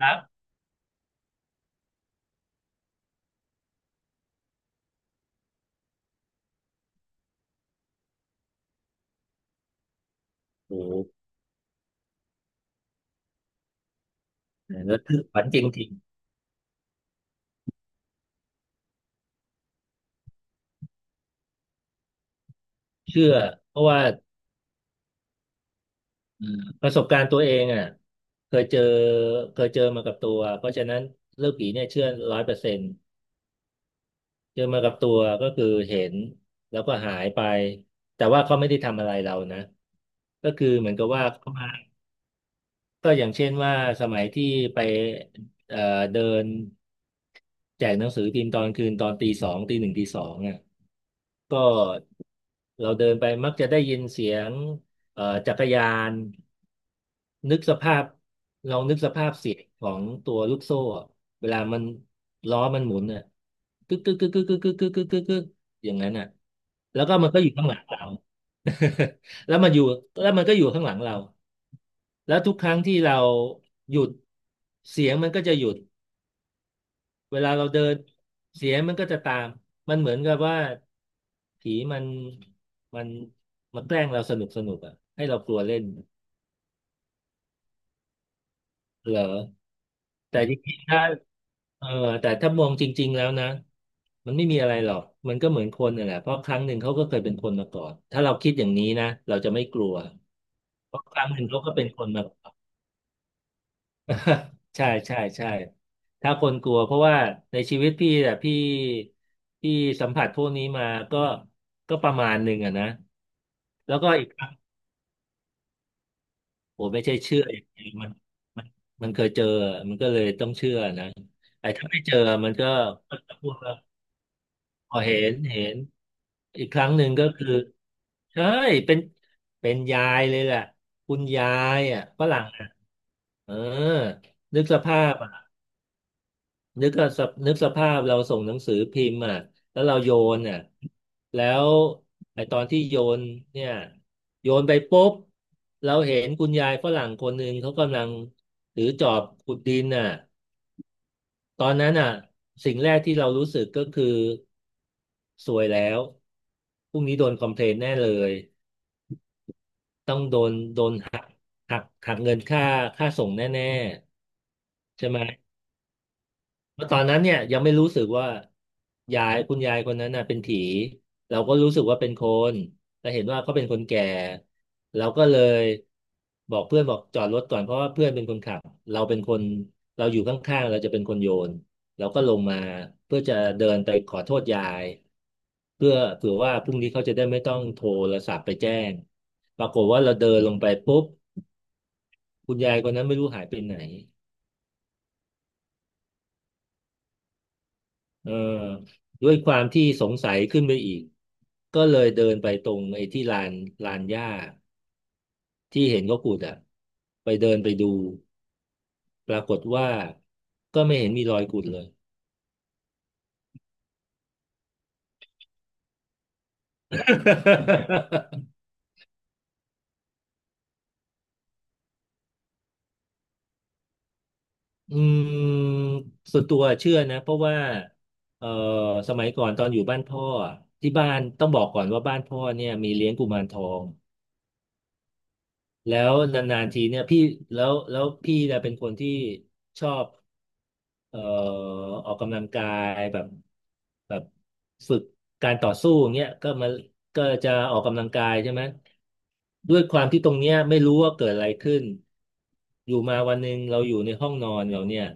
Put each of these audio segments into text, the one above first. ครับโอ้โหแล้วคือฝันจริงๆเชื่อเพราะว่าเอ่อประสบการณ์ตัวเองอ่ะเคยเจอเคยเจอมากับตัวเพราะฉะนั้นเรื่องผีเนี่ยเชื่อร้อยเปอร์เซ็นต์เจอมากับตัวก็คือเห็นแล้วก็หายไปแต่ว่าเขาไม่ได้ทำอะไรเรานะก็คือเหมือนกับว่าเขามาก็อย่างเช่นว่าสมัยที่ไปเอ่อเดินแจกหนังสือพิมพ์ตอนคืนตอนตีสองตีหนึ่งตีสอง ก็เราเดินไปมักจะได้ยินเสียงจักรยานนึกสภาพลองนึกสภาพเสียงของตัวลูกโซ่อะเวลามันล้อมันหมุนอ่ะกึกกึกกึกกึกกึกกึกกึกกึกกึกกึกอย่างนั้นอ่ะแล้วก็มันก็อยู่ข้างหลังเรา แล้วมันอยู่แล้วมันก็อยู่ข้างหลังเราแล้วทุกครั้งที่เราหยุดเสียงมันก็จะหยุดเวลาเราเดินเสียงมันก็จะตามมันเหมือนกับว่า ผีมันมันมันแกล้งเราสนุกสนุกอ่ะให้เรากลัวเล่นเหรอแต่จริงๆถ้าเออแต่ถ้ามองจริงๆแล้วนะมันไม่มีอะไรหรอกมันก็เหมือนคนน่ะแหละเพราะครั้งหนึ่งเขาก็เคยเป็นคนมาก่อนถ้าเราคิดอย่างนี้นะเราจะไม่กลัวเพราะครั้งหนึ่งเขาก็เป็นคนมาก่อน ใช่ใช่ใช่ถ้าคนกลัวเพราะว่าในชีวิตพี่อะพี่สัมผัสพวกนี้มาก็ก็ประมาณหนึ่งอะนะแล้วก็อีก โอ้ไม่ใช่เชื่ออย่างเดียวมันมันมันเคยเจอมันก็เลยต้องเชื่อนะไอ้ถ้าไม่เจอมันก็ก็จะพูดว่าพอเห็นอีกครั้งหนึ่งก็คือใช่เป็นเป็นยายเลยแหละคุณยายอ่ะฝรั่งอ่ะเออนึกสภาพ นึกก็สภนึกสภาพเราส่งหนังสือพิมพ์อ่ะแล้วเราโยนอ่ะแล้วไอตอนที่โยนเนี่ยโยนไปปุ๊บ เราเห็นคุณยายฝรั่งคนหนึ่งเขากำลังถือจอบขุดดินอ่ะตอนนั้นอ่ะสิ่งแรกที่เรารู้สึกก็คือสวยแล้วพรุ่งนี้โดนคอมเพลนแน่เลย ต้องโดนหักเงินค่าส่งแน่ๆใช่ไหม เพราะตอนนั้นเนี่ยยังไม่รู้สึกว่ายายคุณยายคนนั้นน่ะเป็นผีเราก็รู้สึกว่าเป็นคนแต่เห็นว่าเขาเป็นคนแก่เราก็เลยบอกเพื่อนบอกจอดรถก่อนเพราะว่าเพื่อนเป็นคนขับเราเป็นคนเราอยู่ข้างๆเราจะเป็นคนโยนเราก็ลงมาเพื่อจะเดินไปขอโทษยายเพื่อเผื่อว่าพรุ่งนี้เขาจะได้ไม่ต้องโทรศัพท์ไปแจ้งปรากฏว่าเราเดินลงไปปุ๊บคุณยายคนนั้นไม่รู้หายไปไหน เออด้วยความที่สงสัยขึ้นไปอีก ก็เลยเดินไปตรงไอ้ที่ลานหญ้าที่เห็นเขาขุดอ่ะไปเดินไปดูปรากฏว่าก็ไม่เห็นมีรอยขุดเลย อืมส่วนตัวเชื่อนะเพราะว่าเอ่อสมัยก่อนตอนอยู่บ้านพ่ออะที่บ้านต้องบอกก่อนว่าบ้านพ่อเนี่ยมีเลี้ยงกุมารทอง แล้วนานๆทีเนี่ยพี่แล้วแล้วพี่เนี่ยเป็นคนที่ชอบ เอ่อออกกำลังกายแบบฝึกการต่อสู้อย่างเงี้ยก็มาก็จะออกกำลังกายใช่ไหมด้วยความที่ตรงเนี้ยไม่รู้ว่าเกิดอะไรขึ้นอยู่มาวันหนึ่งเราอยู่ในห้องนอนเราเนี่ย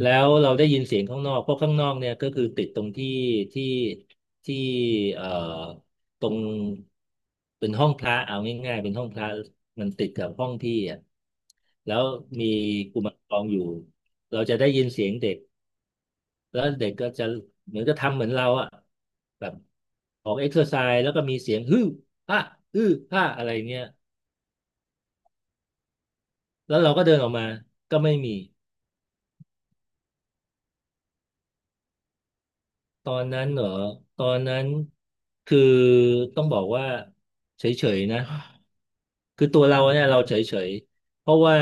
แล้วเราได้ยินเสียงข้างนอกเพราะข้างนอกเนี่ยก็คือติดตรงที่ที่ที่เอ่อตรงเป็นห้องพระเอาง่ายๆเป็นห้องพระมันติดกับห้องพี่อ่ะแล้วมีกุมารทองอยู่เราจะได้ยินเสียงเด็ก แล้วเด็กก็จะเหมือนจะทำเหมือนเราอะแบบออกเอ็กซ์ s ซอร์ไซส์แล้วก็มีเสียงฮือฮาฮือฮาอะไรเงี้ยแล้วเราก็เดินออกมาก็ไม่มี ตอนนั้นเหรอตอนนั้นคือต้องบอกว่าเฉยๆนะคือตัวเราเนี่ยเราเฉยๆเพราะว่า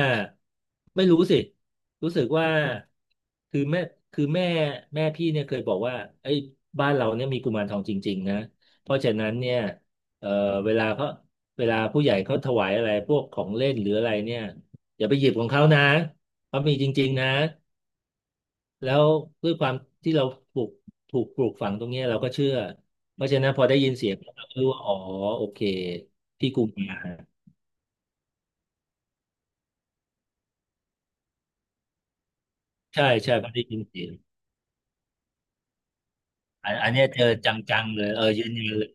ไม่รู้สิรู้สึกว่าคือแม่คือแม่แม่พี่เนี่ยเคยบอกว่าไอ้ยบ้านเราเนี่ยมีกุมารทองจริงๆนะเพราะฉะนั้นเนี่ยเอ่อเวลาเขาเวลาผู้ใหญ่เขาถวายอะไรพวกของเล่นหรืออะไรเนี่ยอย่าไปหยิบของเขานะเขามีจริงๆนะ แล้วด้วยความที่เราปลูกถูกปลูกฝังตรงเนี้ยเราก็เชื่อเพราะฉะนั้นพอได้ยินเสียงเราก็รู้ว่าอ๋อโอเคที่กรุงมาใช่ใช่พอได้ยินเสียง อันอันเนี้ยเจอจังๆเลยเออยืนยันเลย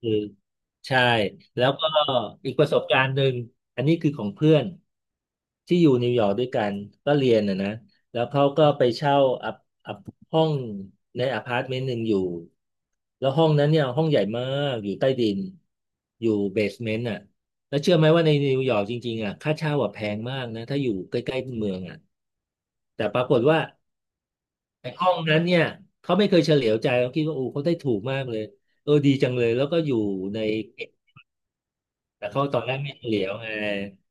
คือใช่แล้วก็อีกประสบการณ์หนึ่งอันนี้คือของเพื่อนที่อยู่นิวยอร์กด้วยกันก็เรียนนะแล้วเขาก็ไปเช่าอัพอัพห้องในอพาร์ตเมนต์หนึ่งอยู่แล้วห้องนั้นเนี่ยห้องใหญ่มากอยู่ใต้ดินอยู่เบสเมนต์อ่ะแล้วเชื่อไหมว่าในนิวยอร์กจริงๆอ่ะค่าเช่าอ่ะแพงมากนะถ้าอยู่ใกล้ๆเมืองอ่ะแต่ปรากฏว่า ไอ่ห้องนั้นเนี่ยเขาไม่เคยเฉลียวใจเขาคิดว่าโอ้เขาได้ถูกมากเลยเออดีจังเลยแล้วก็อยู่ในแต่เขาตอนแรกไม่เฉลียวไง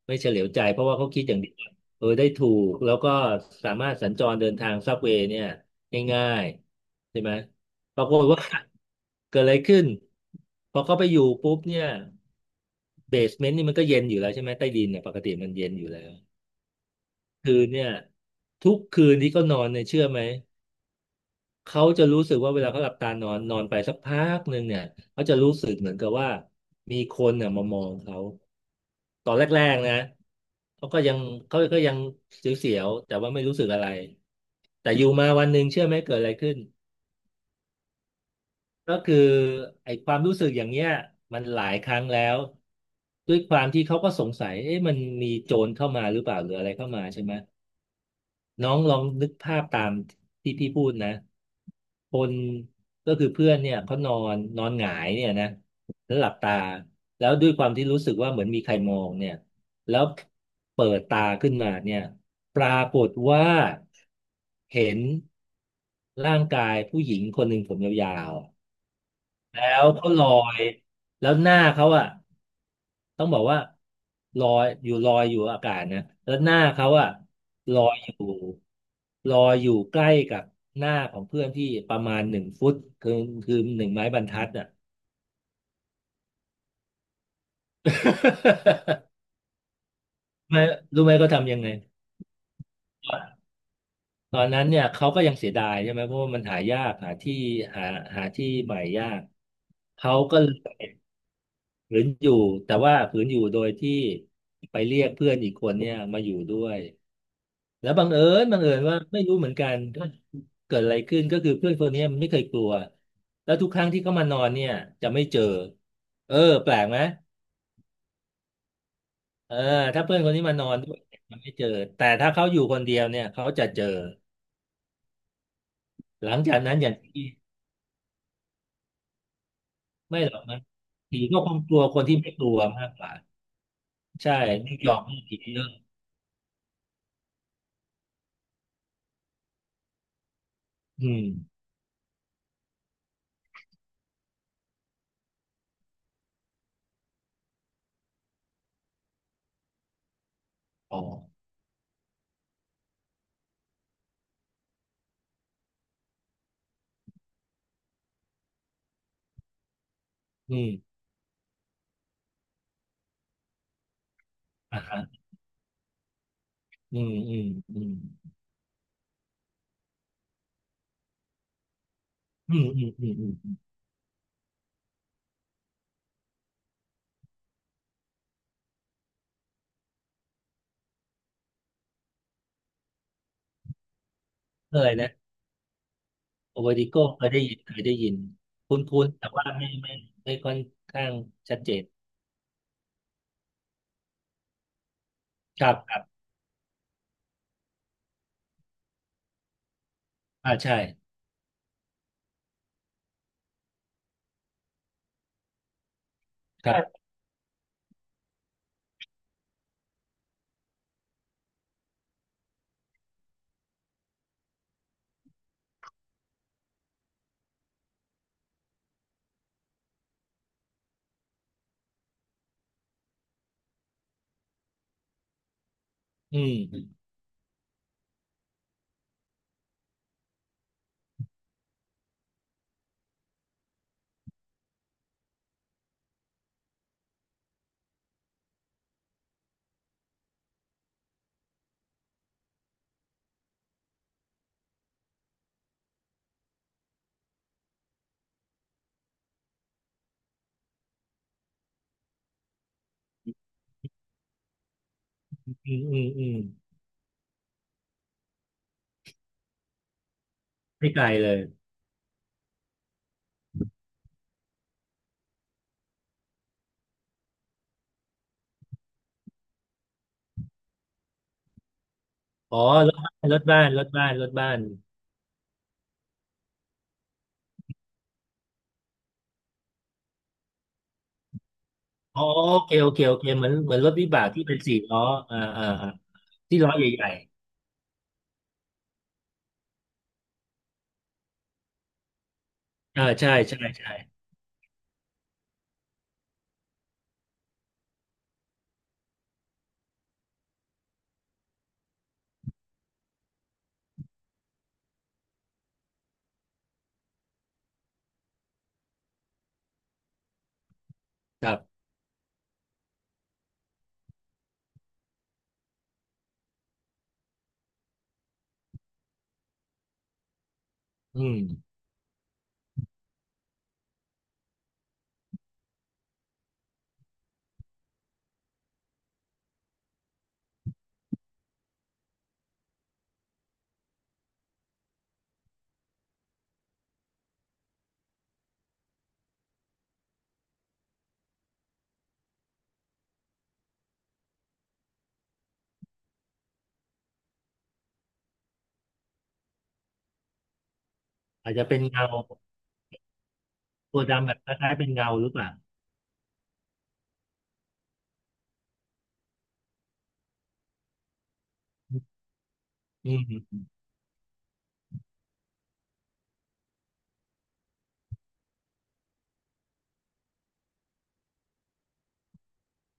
ไม่เฉลียวใจเพราะว่าเขาคิดอย่างเดียวว่าเออได้ถูกแล้วก็สามารถสัญจรเดินทางซับเวย์เนี่ยง่ายๆใช่ไหมปรากฏว่า เกิดอะไรขึ้นพอเขาไปอยู่ปุ๊บเนี่ยเบสเมนต์นี่มันก็เย็นอยู่แล้วใช่ไหมใต้ดินเนี่ยปกติมันเย็นอยู่แล้วคืนเนี่ยทุกคืนที่เขานอนเนี่ยเชื่อไหม เขาจะรู้สึกว่าเวลาเขาหลับตานอนนอนไปสักพักหนึ่งเนี่ยเขาจะรู้สึกเหมือนกับว่ามีคนเนี่ยมามองเขาตอนแรกๆนะเขาก็ยังเขาก็ยังเสียวๆแต่ว่าไม่รู้สึกอะไรแต่อยู่มาวันหนึ่งเชื่อไหมเกิดอะไรขึ้นก็คือไอ้ความรู้สึกอย่างเงี้ยมันหลายครั้งแล้วด้วยความที่เขาก็สงสัยเอ๊ะมันมีโจรเข้ามาหรือเปล่าหรืออะไรเข้ามาใช่ไหม น้องลองนึกภาพตามที่พี่พูดนะคนก็คือเพื่อนเนี่ยเขานอนนอนหงายเนี่ยนะแล้วหลับตาแล้วด้วยความที่รู้สึกว่าเหมือนมีใครมองเนี่ยแล้วเปิดตาขึ้นมาเนี่ยปรากฏว่าเห็นร่างกายผู้หญิงคนหนึ่งผมยาวๆ แล้วเขาลอยแล้วหน้าเขาอะต้องบอกว่าลอยอยู่อากาศนะแล้วหน้าเขาอะลอยอยู่ลอยอยู่ใกล้กับหน้าของเพื่อนที่ประมาณหนึ่งฟุตคือคือหนึ่งไม้บรรทัดอ่ะ ไม่รู้ไหมเขาทำยังไงตอนนั้นเนี่ยเขาก็ยังเสียดายใช่ไหมเพราะว่ามันหายากหาที่หาหาที่ใหม่ยากเขาก็เลย ฝืนอยู่แต่ว่าฝืนอยู่โดยที่ไปเรียกเพื่อนอีกคนเนี่ยมาอยู่ด้วยแล้วบังเอิญว่าไม่รู้เหมือนกันก็เกิดอะไรขึ้นก็คือเพื่อนคนเนี้ยมันไม่เคยกลัวแล้วทุกครั้งที่เขามานอนเนี่ยจะไม่เจอเออแปลกไหมเออถ้าเพื่อนคนนี้มานอนด้วยมันไม่เจอแต่ถ้าเขาอยู่คนเดียวเนี่ยเขาจะเจอหลังจากนั้นอย่างที่ไม่หรอกมันผีก็คงกลัวคนที่ไม่กลัวมากกว่าใช่ไม่ยอมให้ผีเยอะอืมอ๋ออืมอ่ะ อืมอืมอืมอืมอืมอืมอืมเคยนะโอเวอร์ดิโก้เคยได้ยินคุ้นๆแต่ว่าไม่ค่อนข้างชัดเจนครับครับอ่าใช่ครับอืมอืมอืมอืมไม่ไกลเลยอ๋อรถบ้านรถบ้านรถบ้านรถบ้านอ๋อโอเคเหมือนเหมือนรถวิบากที่เป็นสี่ล้ออ่าอ่าอ่าที่ล้อใหญ่ๆใช่ครับอืมอาจจะเป็นเงาตัวดำแบบคล้ายๆเป็นเงาหรือเปล่าอืมอืมอืม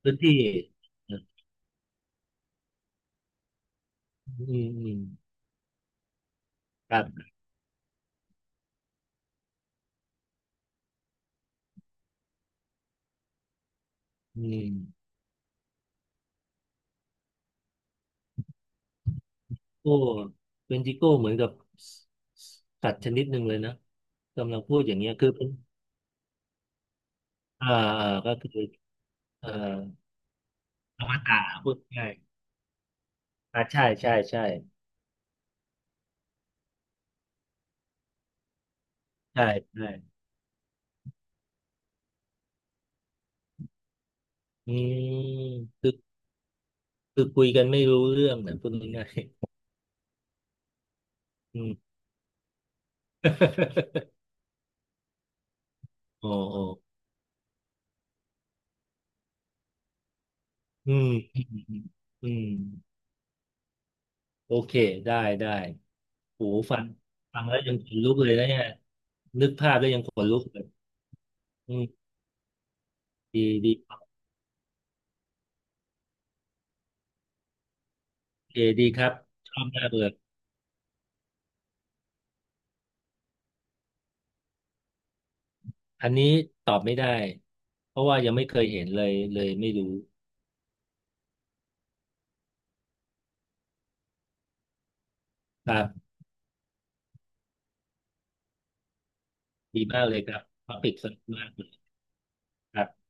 พื้นที่ อืมอืมครับอืมโอ้เป็นจิโก้เหมือนกับสสสัตว์ชนิดหนึ่งเลยนะกำลังพูดอย่างเงี้ยคือเป็นอ่าอ่าก็คือเอ่ออวตารพูดง่ายอ่าใช่ใช่อืมคือคุยกันไม่รู้เรื่องนะพูดง่ายๆอืม โอ้โอ้อืมอืมอืมอืมโอเคได้ได้โหฟังฟังแล้วยังขนลุกเลยนะเนี่ยนึกภาพแล้วยังขนลุกเลยอืมดีดี เอดีครับชอบหน้าเบือกอันนี้ตอบไม่ได้เพราะว่ายังไม่เคยเห็นเลยเลยไม่รู้ครับดีมากเลยครับท็อปิกสนุกมากเลยครับ